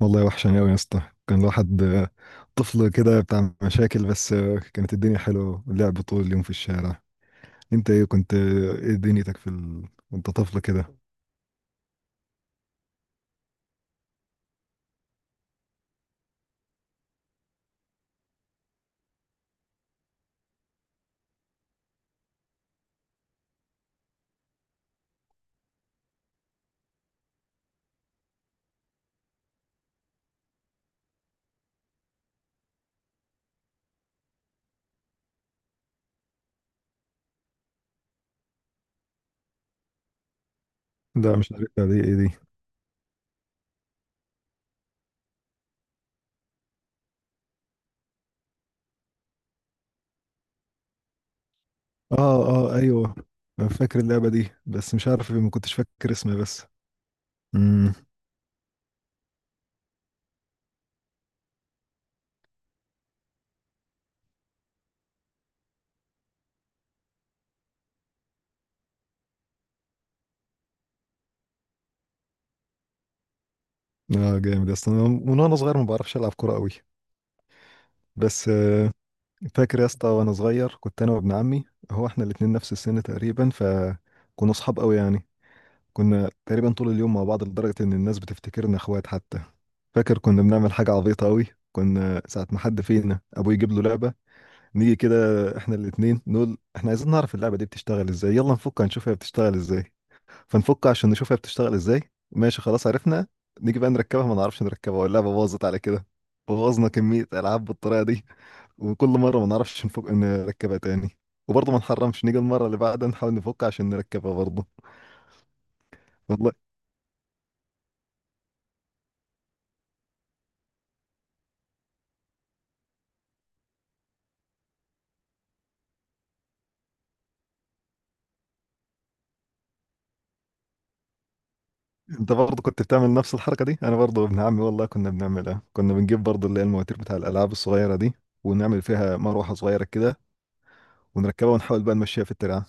والله وحشني قوي يا اسطى. كان الواحد طفل كده بتاع مشاكل، بس كانت الدنيا حلوه، اللعب طول اليوم في الشارع. انت ايه كنت، ايه دنيتك في وانت طفل كده؟ ده انا مش عارف دي ايه دي. اه اه، ايوه أنا فاكر اللعبه دي، بس مش عارف، ما كنتش فاكر اسمها بس. امم. اه، جامد يا اسطى. أنا من وانا صغير ما بعرفش العب كوره قوي، بس فاكر يا اسطى وانا صغير كنت انا وابن عمي. هو احنا الاتنين نفس السن تقريبا، فكنا اصحاب قوي يعني. كنا تقريبا طول اليوم مع بعض، لدرجة إن الناس بتفتكرنا إخوات حتى. فاكر كنا بنعمل حاجة عبيطة أوي. كنا ساعة ما حد فينا أبوه يجيب له لعبة، نيجي كده إحنا الاتنين نقول إحنا عايزين نعرف اللعبة دي بتشتغل إزاي، يلا نفك هنشوف هي بتشتغل إزاي. فنفك عشان نشوف هي بتشتغل إزاي. ماشي خلاص عرفنا. نيجي بقى نركبها ما نعرفش نركبها، واللعبة باظت على كده. بوظنا كمية ألعاب بالطريقة دي، وكل مرة ما نعرفش نفك نركبها تاني، وبرضه ما نحرمش نيجي المرة اللي بعدها نحاول نفك عشان نركبها برضه. والله انت برضه كنت بتعمل نفس الحركه دي؟ انا برضه ابن عمي والله كنا بنعملها. كنا بنجيب برضه اللي هي المواتير بتاع الالعاب الصغيره دي، ونعمل فيها مروحه صغيره كده، ونركبها ونحاول بقى نمشيها في الترعه.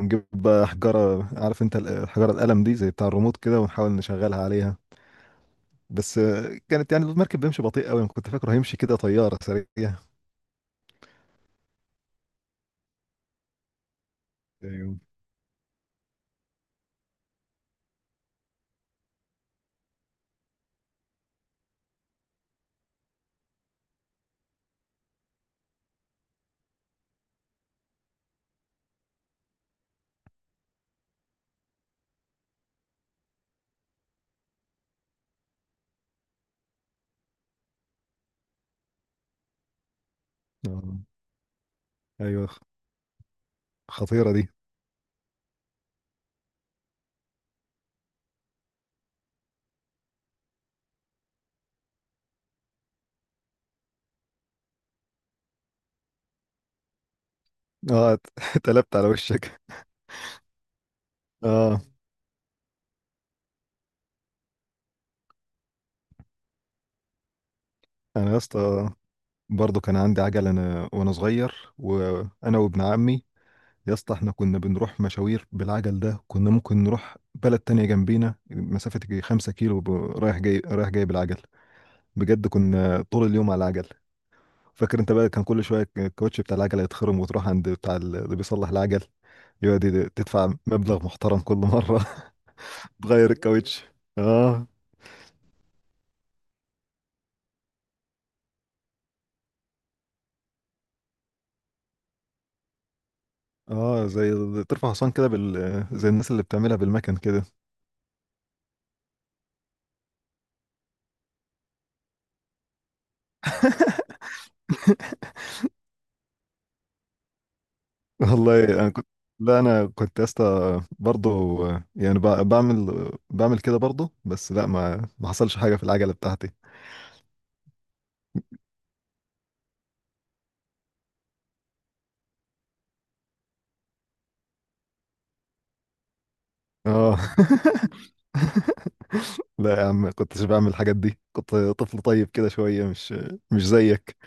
ونجيب بقى حجاره، عارف انت الحجاره القلم دي زي بتاع الريموت كده، ونحاول نشغلها عليها. بس كانت يعني المركب بيمشي بطيء قوي، كنت فاكره هيمشي كده طياره سريع. ايوه. آه. ايوه، خطيره دي. اه، اتقلبت على وشك. اه. انا يا اسطى برضه كان عندي عجله انا وانا صغير، وانا وابن عمي. يا اسطى احنا كنا بنروح مشاوير بالعجل ده، كنا ممكن نروح بلد تانية جنبينا مسافة يجي 5 كيلو رايح جاي، رايح جاي بالعجل. بجد كنا طول اليوم على العجل. فاكر انت بقى كان كل شوية الكاوتش بتاع العجل يتخرم، وتروح عند بتاع اللي بيصلح العجل، يقعد تدفع مبلغ محترم كل مرة. تغير، ياه، الكاوتش. اه. اه، زي ترفع حصان كده بال، زي الناس اللي بتعملها بالمكن كده. والله انا كنت، لا انا كنت يا اسطى برضه يعني بعمل كده برضه، بس لا، ما حصلش حاجه في العجله بتاعتي. اه. لا يا عم، كنتش بعمل الحاجات دي. كنت طفل طيب كده شويه، مش زيك.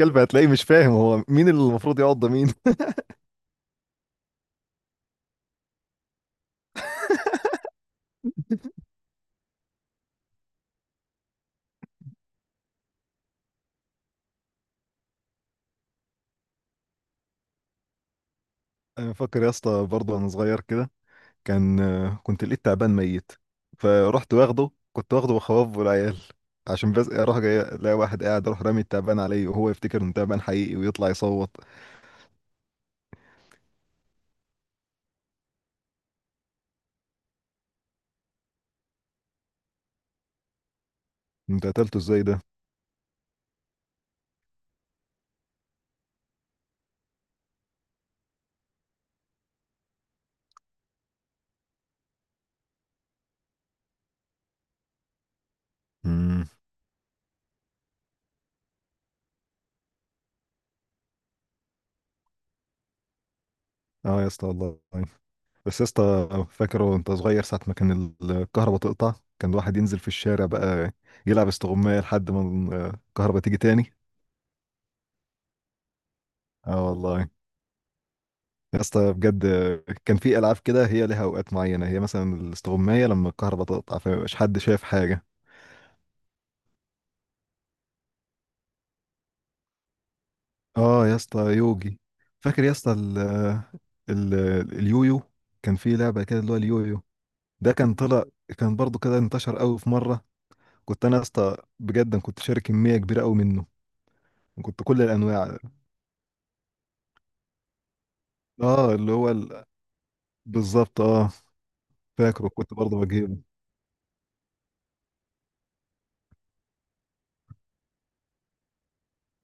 كلب هتلاقيه مش فاهم هو مين اللي المفروض يقعد، ده مين؟ انا فاكر يا اسطى، برضه وانا صغير كده، كان كنت لقيت تعبان ميت، فرحت واخده. كنت واخده بخواف والعيال، عشان بس اروح جاي الاقي واحد قاعد، اروح رامي التعبان عليه، وهو يفتكر انه تعبان حقيقي ويطلع يصوت. انت قتلته ازاي ده؟ امم. اه، يا اسطى والله. بس يا اسطى فاكره وانت صغير ساعة ما كان الكهرباء تقطع، كان الواحد ينزل في الشارع بقى يلعب استغماية لحد ما الكهرباء تيجي تاني. اه والله يا اسطى، بجد. كان في ألعاب كده هي ليها أوقات معينة، هي مثلا الاستغماية لما الكهرباء تقطع فمبقاش حد شايف حاجة. اه يا اسطى، يوجي. فاكر يا اسطى ال، ال، اليويو. كان في لعبة كده اللي هو اليويو. ده كان طلع. كان برضو كده انتشر قوي في مرة. كنت انا يا اسطى بجد، أنا كنت شاري كميه كبيره قوي منه، وكنت كل الانواع. اه اللي هو بالظبط، اه. فاكره كنت برضه بجيبه.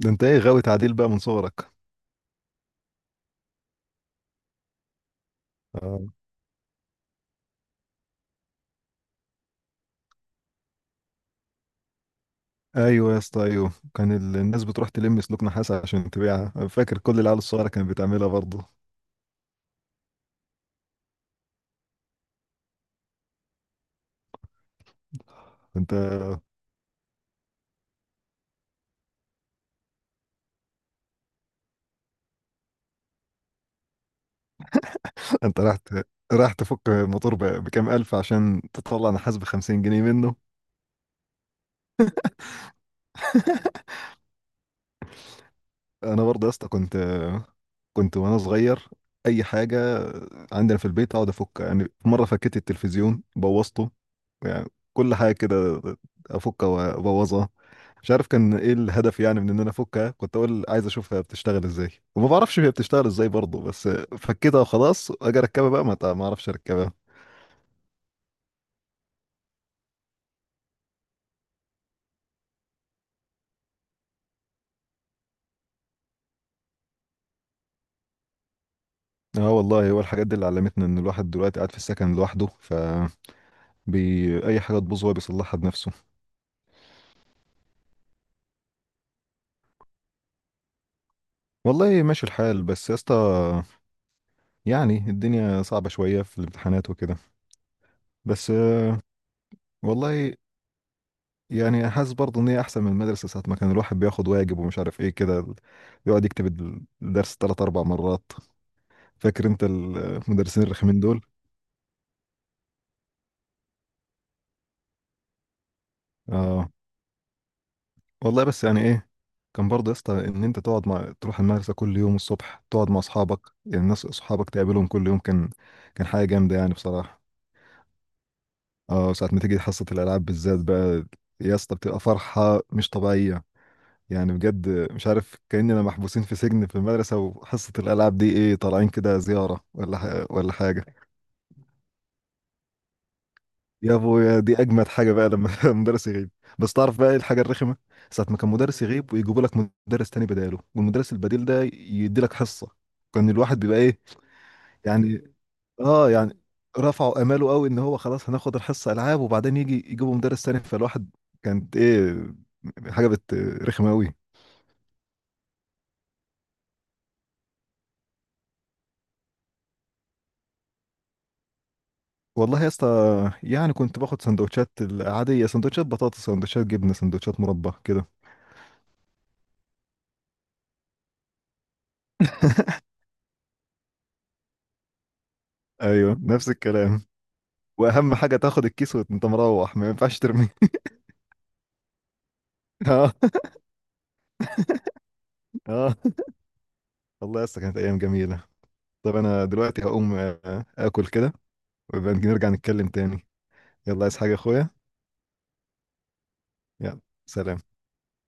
ده انت ايه، غاوي تعديل بقى من صغرك؟ آه. ايوه يا اسطى، ايوه. كان الناس بتروح تلم سلوك نحاس عشان تبيعها. أنا فاكر كل العيال الصغيره كانت بتعملها برضه. انت انت راح راح تفك الموتور بكام الف عشان تطلع نحاس ب 50 جنيه منه؟ انا برضه يا اسطى كنت وانا صغير اي حاجه عندنا في البيت اقعد افك، يعني في مره فكيت التلفزيون بوظته. يعني كل حاجه كده افكها وابوظها. مش عارف كان ايه الهدف يعني من ان انا افكها. كنت اقول عايز اشوفها بتشتغل ازاي، وما بعرفش هي بتشتغل ازاي برضه. بس فكيتها وخلاص، اجي اركبها بقى، ما اعرفش اركبها. اه والله، هو الحاجات دي اللي علمتنا ان الواحد دلوقتي قاعد في السكن لوحده، ف اي حاجه تبوظ هو بيصلحها بنفسه. والله ماشي الحال، بس يا اسطى يعني الدنيا صعبة شوية في الامتحانات وكده، بس والله يعني حاسس برضه ان هي احسن من المدرسة. ساعة ما كان الواحد بياخد واجب ومش عارف ايه كده، يقعد يكتب الدرس 3 4 مرات. فاكر انت المدرسين الرخمين دول؟ اه والله، بس يعني ايه، كان برضه يا اسطى ان انت تقعد مع، تروح المدرسة كل يوم الصبح تقعد مع اصحابك. يعني الناس اصحابك تقابلهم كل يوم، كان كان حاجة جامدة يعني بصراحة. اه، ساعة ما تيجي حصة الالعاب بالذات بقى يا اسطى بتبقى فرحة مش طبيعية. يعني بجد مش عارف، كأننا محبوسين في سجن في المدرسة، وحصة الألعاب دي إيه، طالعين كده زيارة ولا ولا حاجة. يا أبويا، دي أجمد حاجة بقى لما المدرس يغيب. بس تعرف بقى إيه الحاجة الرخمة؟ ساعة ما كان مدرس يغيب ويجيبوا لك مدرس تاني بداله، والمدرس البديل ده يدي لك حصة. كان الواحد بيبقى إيه يعني، آه يعني، رفعوا آماله قوي إن هو خلاص هناخد الحصة ألعاب، وبعدين يجي يجيبوا مدرس تاني. فالواحد كانت إيه، حاجة بت، رخمة قوي. والله يا اسطى، يعني كنت باخد سندوتشات العادية، سندوتشات بطاطس، سندوتشات جبنة، سندوتشات مربى كده. ايوه نفس الكلام. واهم حاجة تاخد الكيس وانت مروح، ما ينفعش ترميه. اه. اه والله يا اسطى، كانت ايام جميلة. طب انا دلوقتي هقوم اكل كده، ويبقى نرجع نتكلم تاني. يلا، عايز حاجة يا اخويا؟ يلا. سلام.